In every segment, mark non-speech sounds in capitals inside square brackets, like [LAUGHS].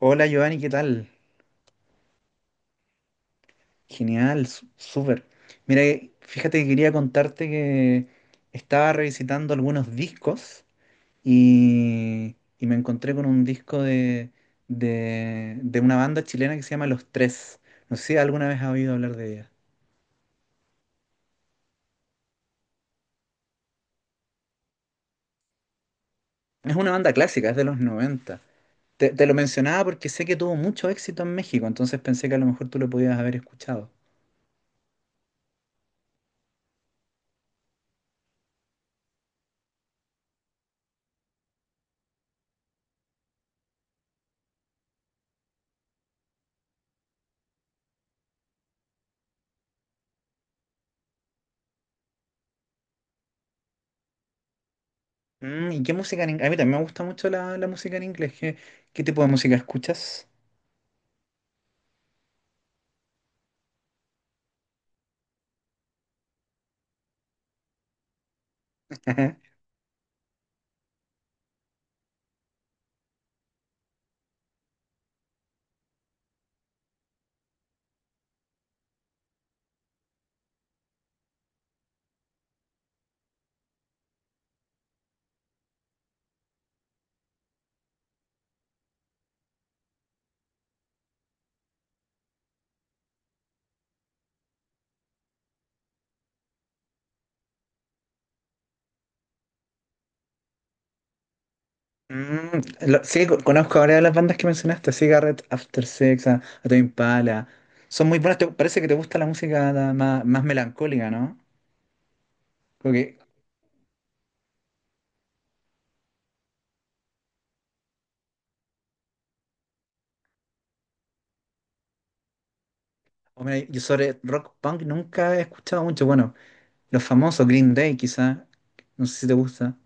Hola Giovanni, ¿qué tal? Genial, súper. Mira, fíjate que quería contarte que estaba revisitando algunos discos y me encontré con un disco de una banda chilena que se llama Los Tres. No sé si alguna vez has oído hablar de ella. Es una banda clásica, es de los noventa. Te lo mencionaba porque sé que tuvo mucho éxito en México, entonces pensé que a lo mejor tú lo podías haber escuchado. Mm, ¿y qué música en inglés? A mí también me gusta mucho la música en inglés. ¿Qué tipo de música escuchas? [LAUGHS] Mm, sí, conozco varias de las bandas que mencionaste, Cigarette, After Sex, Tame Impala. Son muy buenas, parece que te gusta la música más, más melancólica, ¿no? Como que, hombre, yo sobre rock punk nunca he escuchado mucho. Bueno, los famosos Green Day quizá, no sé si te gusta.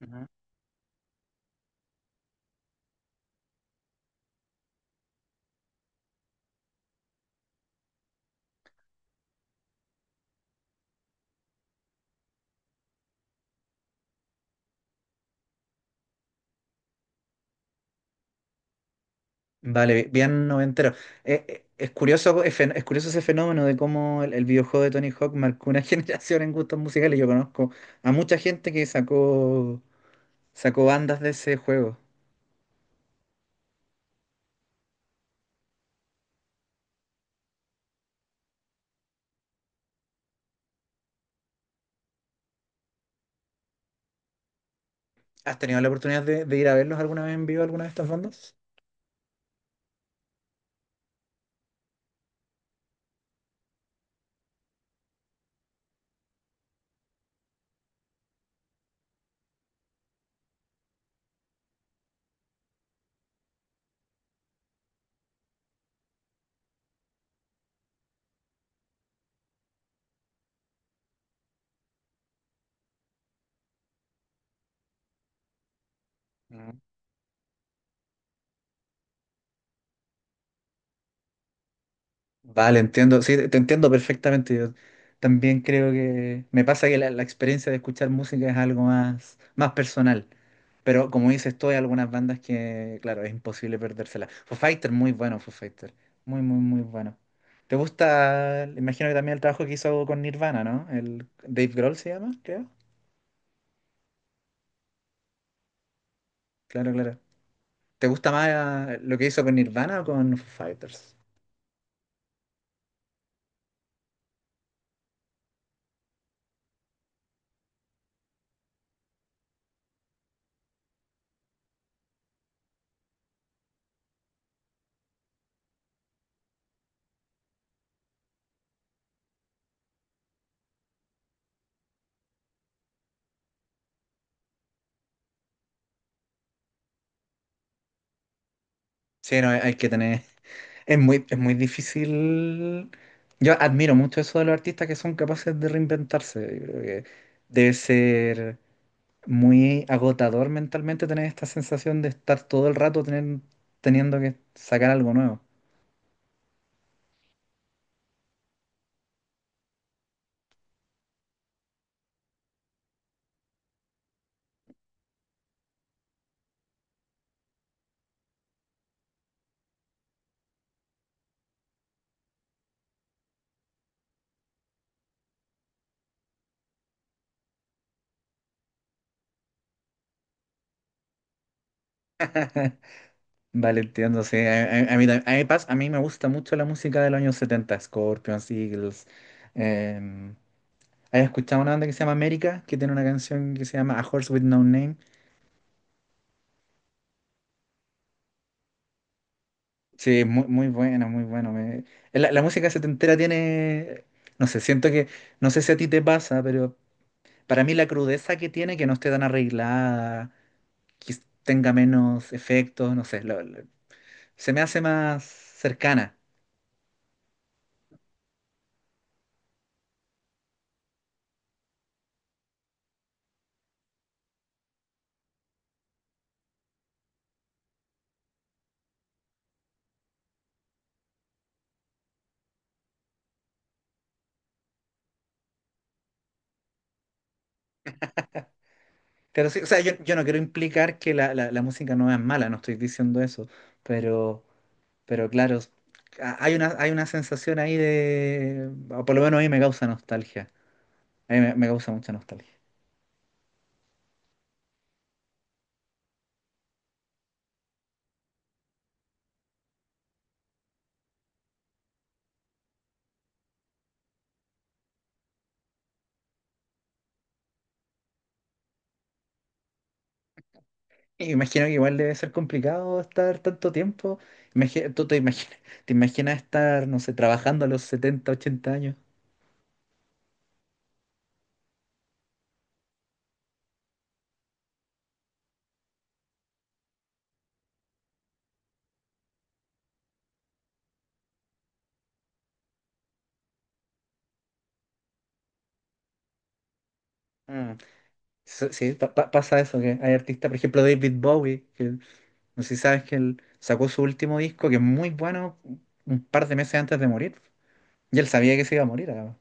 Ujú. Vale, bien noventero. Es curioso, es, es curioso ese fenómeno de cómo el videojuego de Tony Hawk marcó una [LAUGHS] generación en gustos musicales. Yo conozco a mucha gente que sacó bandas de ese juego. ¿Has tenido la oportunidad de ir a verlos alguna vez en vivo, alguna de estas bandas? Mm. Vale, entiendo, sí, te entiendo perfectamente. Yo también creo que me pasa que la experiencia de escuchar música es algo más, más personal. Pero como dices tú, hay algunas bandas que, claro, es imposible perdérselas. Foo Fighter, muy bueno, Foo Fighter. Muy, muy, muy bueno. ¿Te gusta? Imagino que también el trabajo que hizo con Nirvana, ¿no? El Dave Grohl se llama, creo. Claro, claro. ¿Te gusta más lo que hizo con Nirvana o con Foo Fighters? Sí, no, hay que tener. Es muy difícil. Yo admiro mucho eso de los artistas que son capaces de reinventarse. Yo creo que debe ser muy agotador mentalmente tener esta sensación de estar todo el rato teniendo que sacar algo nuevo. [LAUGHS] Vale, entiendo, sí. A mí, a mí a mí me gusta mucho la música de los años 70, Scorpions, Eagles. Eh, ¿Has escuchado una banda que se llama América? Que tiene una canción que se llama A Horse With No Name. Sí, es muy, muy buena, muy buena. La música setentera tiene, no sé, siento que, no sé si a ti te pasa, pero para mí la crudeza que tiene, que no esté tan arreglada, que tenga menos efectos, no sé, se me hace más cercana. Pero sí, o sea, yo no quiero implicar que la música no es mala, no estoy diciendo eso, pero, pero claro, hay una sensación ahí de, o por lo menos a mí me causa nostalgia, a mí me causa mucha nostalgia. Y imagino que igual debe ser complicado estar tanto tiempo. Tú te imaginas estar, no sé, trabajando a los 70 80 años. Mm. Sí, sí, pasa eso, que hay artistas, por ejemplo David Bowie, que no sé si sabes que él sacó su último disco, que es muy bueno, un par de meses antes de morir. Y él sabía que se iba a morir, además.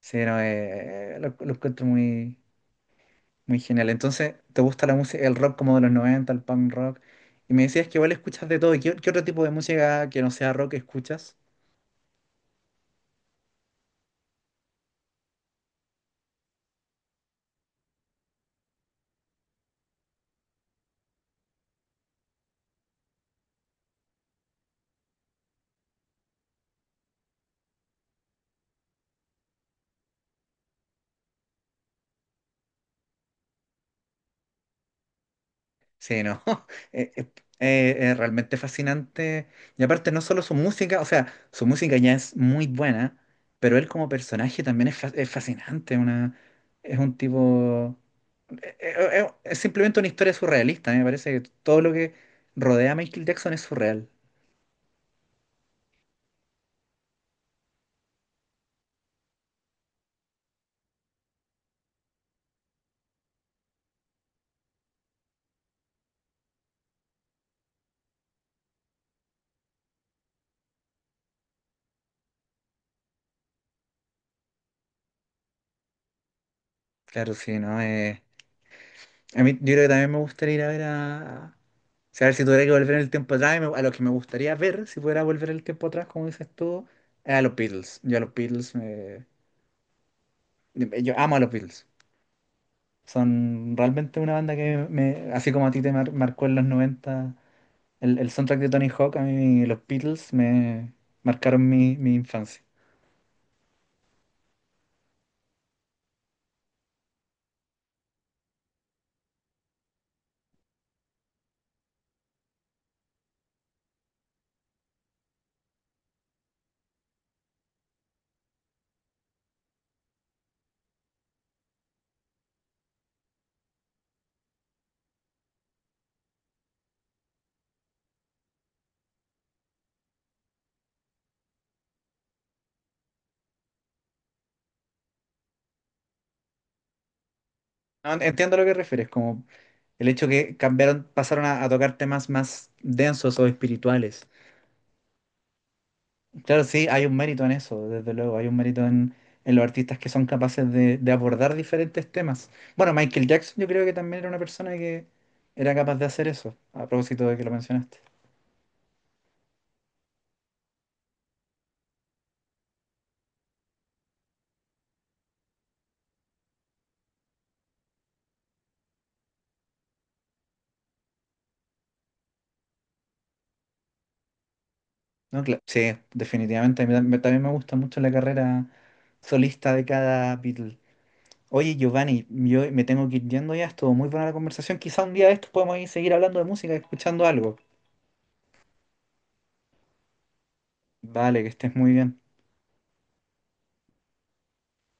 Sí, no, lo encuentro muy, muy genial. Entonces, ¿te gusta la música, el rock como de los 90 el punk rock? Y me decías que igual escuchas de todo. ¿Qué, qué otro tipo de música que no sea rock escuchas? Sí, no. [LAUGHS] eh, eh, es realmente fascinante. Y aparte, no solo su música, o sea, su música ya es muy buena, pero él como personaje también es, es fascinante. Una, es un tipo. eh, es simplemente una historia surrealista. Me parece que todo lo que rodea a Michael Jackson es surreal. Claro, sí, ¿no? A mí, yo creo que también me gustaría ir a ver a. O sea, a ver si tuviera que volver en el tiempo atrás, a los que me gustaría ver, si pudiera volver el tiempo atrás, como dices tú, es a los Beatles. Yo a los Beatles, yo amo a los Beatles. Son realmente una banda que me, así como a ti te marcó en los 90 el soundtrack de Tony Hawk, a mí los Beatles me marcaron mi infancia. No, entiendo a lo que refieres, como el hecho que cambiaron, pasaron a tocar temas más densos o espirituales. Claro, sí, hay un mérito en eso, desde luego. Hay un mérito en los artistas que son capaces de abordar diferentes temas. Bueno, Michael Jackson yo creo que también era una persona que era capaz de hacer eso, a propósito de que lo mencionaste. No, sí, definitivamente. A mí también me gusta mucho la carrera solista de cada Beatle. Oye, Giovanni, yo me tengo que ir yendo ya. Estuvo muy buena la conversación. Quizá un día de estos podemos ir seguir hablando de música, escuchando algo. Vale, que estés muy bien.